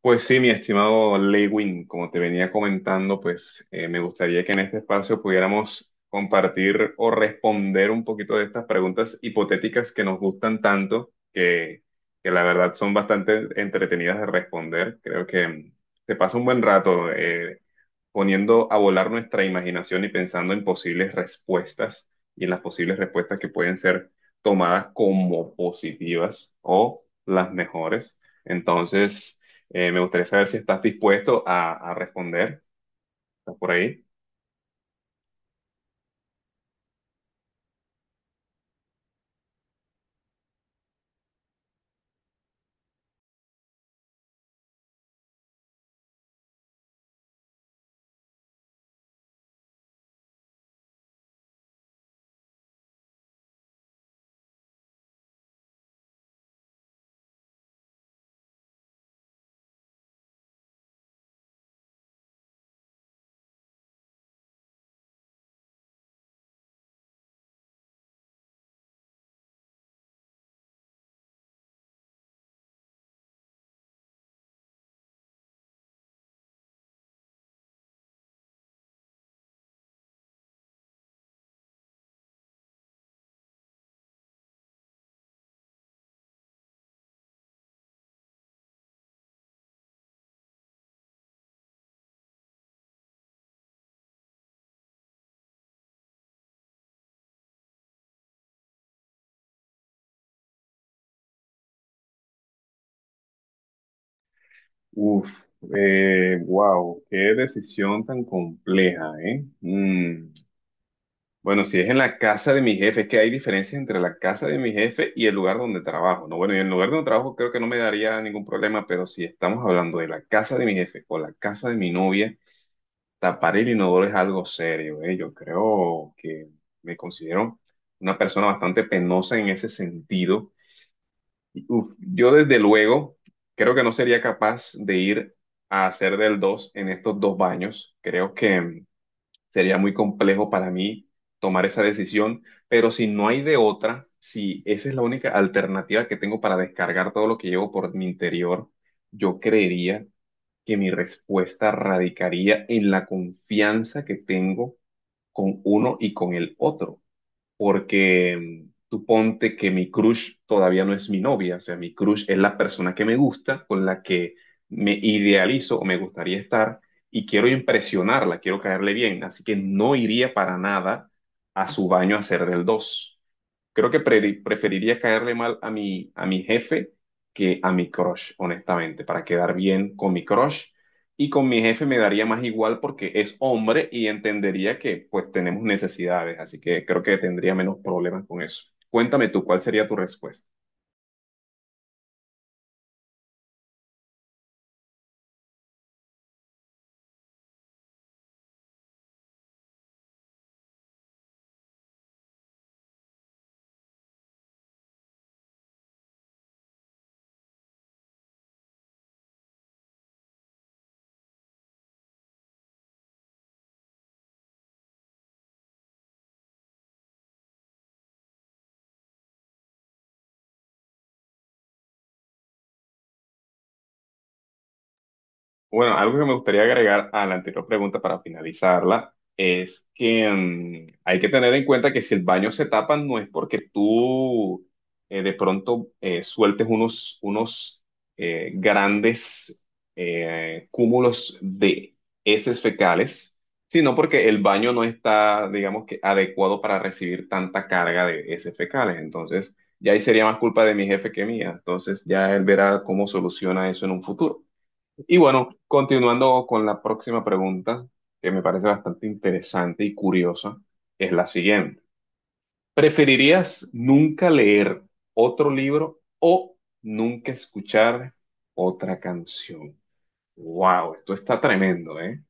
Pues sí, mi estimado Lewin, como te venía comentando, me gustaría que en este espacio pudiéramos compartir o responder un poquito de estas preguntas hipotéticas que nos gustan tanto, que la verdad son bastante entretenidas de responder. Creo que se pasa un buen rato, poniendo a volar nuestra imaginación y pensando en posibles respuestas y en las posibles respuestas que pueden ser tomadas como positivas o las mejores. Entonces, me gustaría saber si estás dispuesto a responder. ¿Estás por ahí? Uf, wow, qué decisión tan compleja, ¿eh? Mm. Bueno, si es en la casa de mi jefe, es que hay diferencias entre la casa de mi jefe y el lugar donde trabajo, ¿no? Bueno, y en el lugar donde trabajo creo que no me daría ningún problema, pero si estamos hablando de la casa de mi jefe o la casa de mi novia, tapar el inodoro es algo serio, ¿eh? Yo creo que me considero una persona bastante penosa en ese sentido. Y, uf, yo desde luego creo que no sería capaz de ir a hacer del dos en estos dos baños. Creo que sería muy complejo para mí tomar esa decisión, pero si no hay de otra, si esa es la única alternativa que tengo para descargar todo lo que llevo por mi interior, yo creería que mi respuesta radicaría en la confianza que tengo con uno y con el otro porque tú ponte que mi crush todavía no es mi novia, o sea, mi crush es la persona que me gusta, con la que me idealizo o me gustaría estar y quiero impresionarla, quiero caerle bien, así que no iría para nada a su baño a hacer del dos. Creo que preferiría caerle mal a mi jefe que a mi crush, honestamente, para quedar bien con mi crush. Y con mi jefe me daría más igual porque es hombre y entendería que pues tenemos necesidades, así que creo que tendría menos problemas con eso. Cuéntame tú, ¿cuál sería tu respuesta? Bueno, algo que me gustaría agregar a la anterior pregunta para finalizarla es que hay que tener en cuenta que si el baño se tapa no es porque tú de pronto sueltes unos grandes cúmulos de heces fecales, sino porque el baño no está, digamos que, adecuado para recibir tanta carga de heces fecales. Entonces, ya ahí sería más culpa de mi jefe que mía. Entonces, ya él verá cómo soluciona eso en un futuro. Y bueno, continuando con la próxima pregunta, que me parece bastante interesante y curiosa, es la siguiente. ¿Preferirías nunca leer otro libro o nunca escuchar otra canción? Wow, esto está tremendo, ¿eh?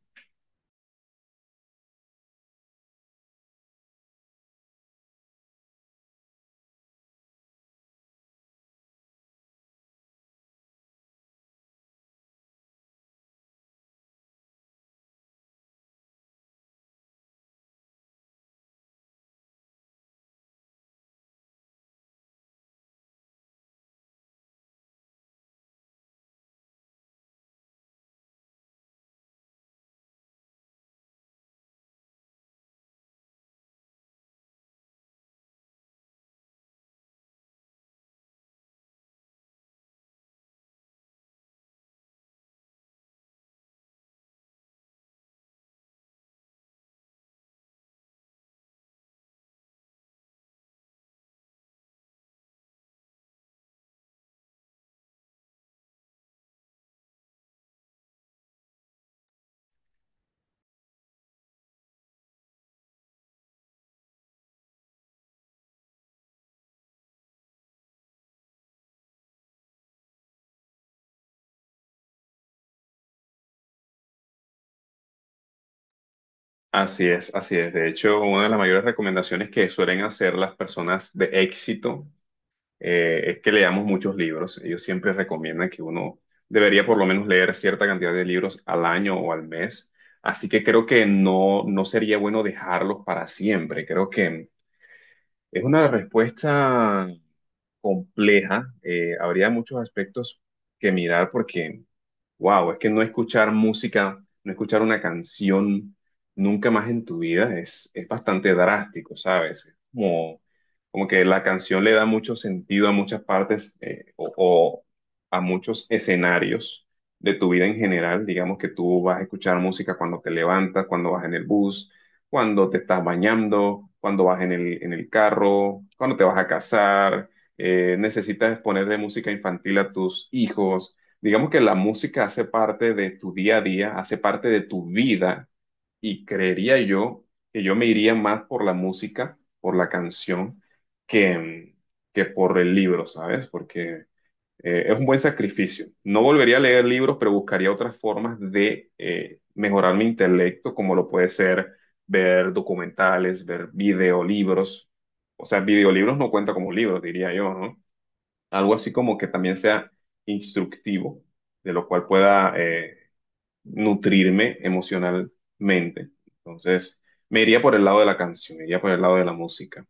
Así es, así es. De hecho, una de las mayores recomendaciones que suelen hacer las personas de éxito es que leamos muchos libros. Ellos siempre recomiendan que uno debería por lo menos leer cierta cantidad de libros al año o al mes. Así que creo que no, no sería bueno dejarlos para siempre. Creo que es una respuesta compleja. Habría muchos aspectos que mirar porque wow, es que no escuchar música, no escuchar una canción nunca más en tu vida es bastante drástico, ¿sabes? Es como, como que la canción le da mucho sentido a muchas partes o a muchos escenarios de tu vida en general. Digamos que tú vas a escuchar música cuando te levantas, cuando vas en el bus, cuando te estás bañando, cuando vas en el carro, cuando te vas a casar, necesitas ponerle música infantil a tus hijos. Digamos que la música hace parte de tu día a día, hace parte de tu vida y creería yo que yo me iría más por la música, por la canción, que, que por el libro, ¿sabes? Porque es un buen sacrificio. No volvería a leer libros, pero buscaría otras formas de mejorar mi intelecto, como lo puede ser ver documentales, ver videolibros. O sea, videolibros no cuenta como libros, diría yo, ¿no? Algo así como que también sea instructivo, de lo cual pueda nutrirme emocionalmente. Entonces, me iría por el lado de la canción, me iría por el lado de la música.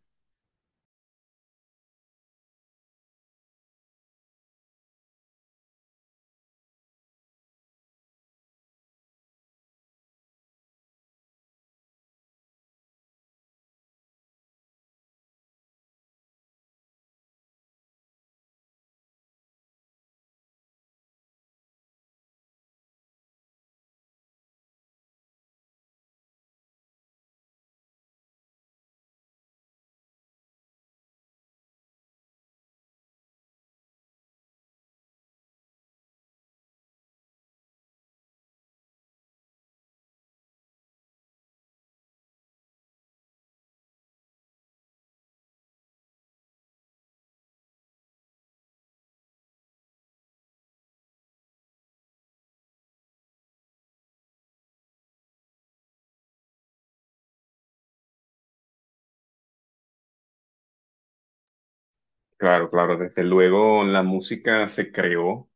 Claro, claro, desde luego la música se creó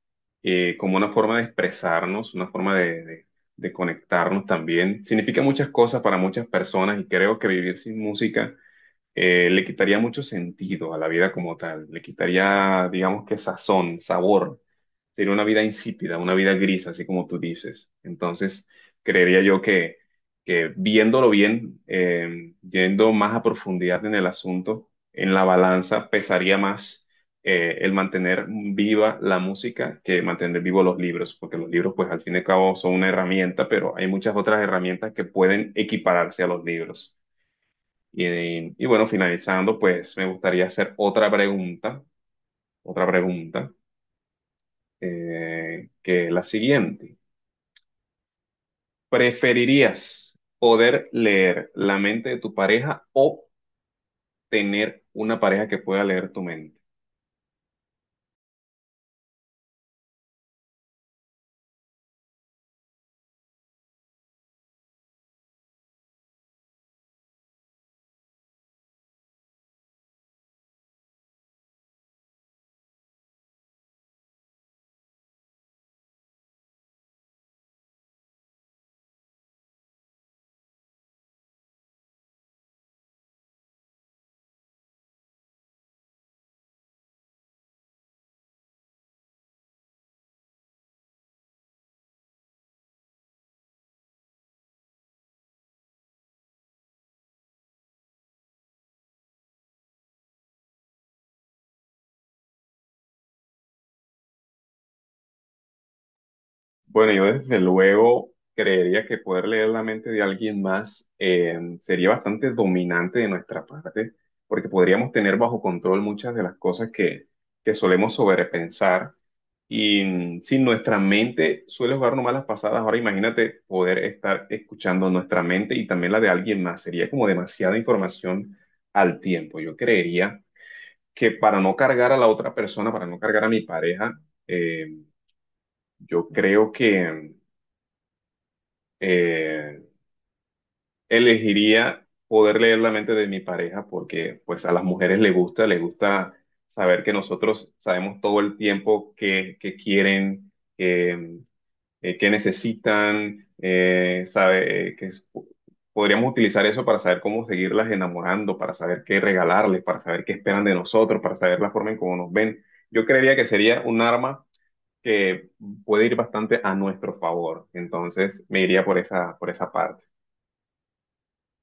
como una forma de expresarnos, una forma de, de conectarnos también. Significa muchas cosas para muchas personas y creo que vivir sin música le quitaría mucho sentido a la vida como tal, le quitaría, digamos que sazón, sabor. Sería una vida insípida, una vida gris, así como tú dices. Entonces, creería yo que viéndolo bien, yendo más a profundidad en el asunto, en la balanza pesaría más el mantener viva la música que mantener vivos los libros, porque los libros, pues al fin y al cabo, son una herramienta, pero hay muchas otras herramientas que pueden equipararse a los libros. Y, y bueno, finalizando, pues me gustaría hacer otra pregunta, otra pregunta, que es la siguiente. ¿Preferirías poder leer la mente de tu pareja o tener una pareja que pueda leer tu mente? Bueno, yo desde luego creería que poder leer la mente de alguien más sería bastante dominante de nuestra parte, porque podríamos tener bajo control muchas de las cosas que solemos sobrepensar. Y si nuestra mente suele jugarnos malas pasadas, ahora imagínate poder estar escuchando nuestra mente y también la de alguien más. Sería como demasiada información al tiempo. Yo creería que para no cargar a la otra persona, para no cargar a mi pareja, eh, yo creo que eh, elegiría poder leer la mente de mi pareja porque pues a las mujeres les gusta saber que nosotros sabemos todo el tiempo que quieren, eh, qué necesitan, podríamos utilizar eso para saber cómo seguirlas enamorando, para saber qué regalarles, para saber qué esperan de nosotros, para saber la forma en cómo nos ven. Yo creería que sería un arma que puede ir bastante a nuestro favor. Entonces, me iría por esa parte.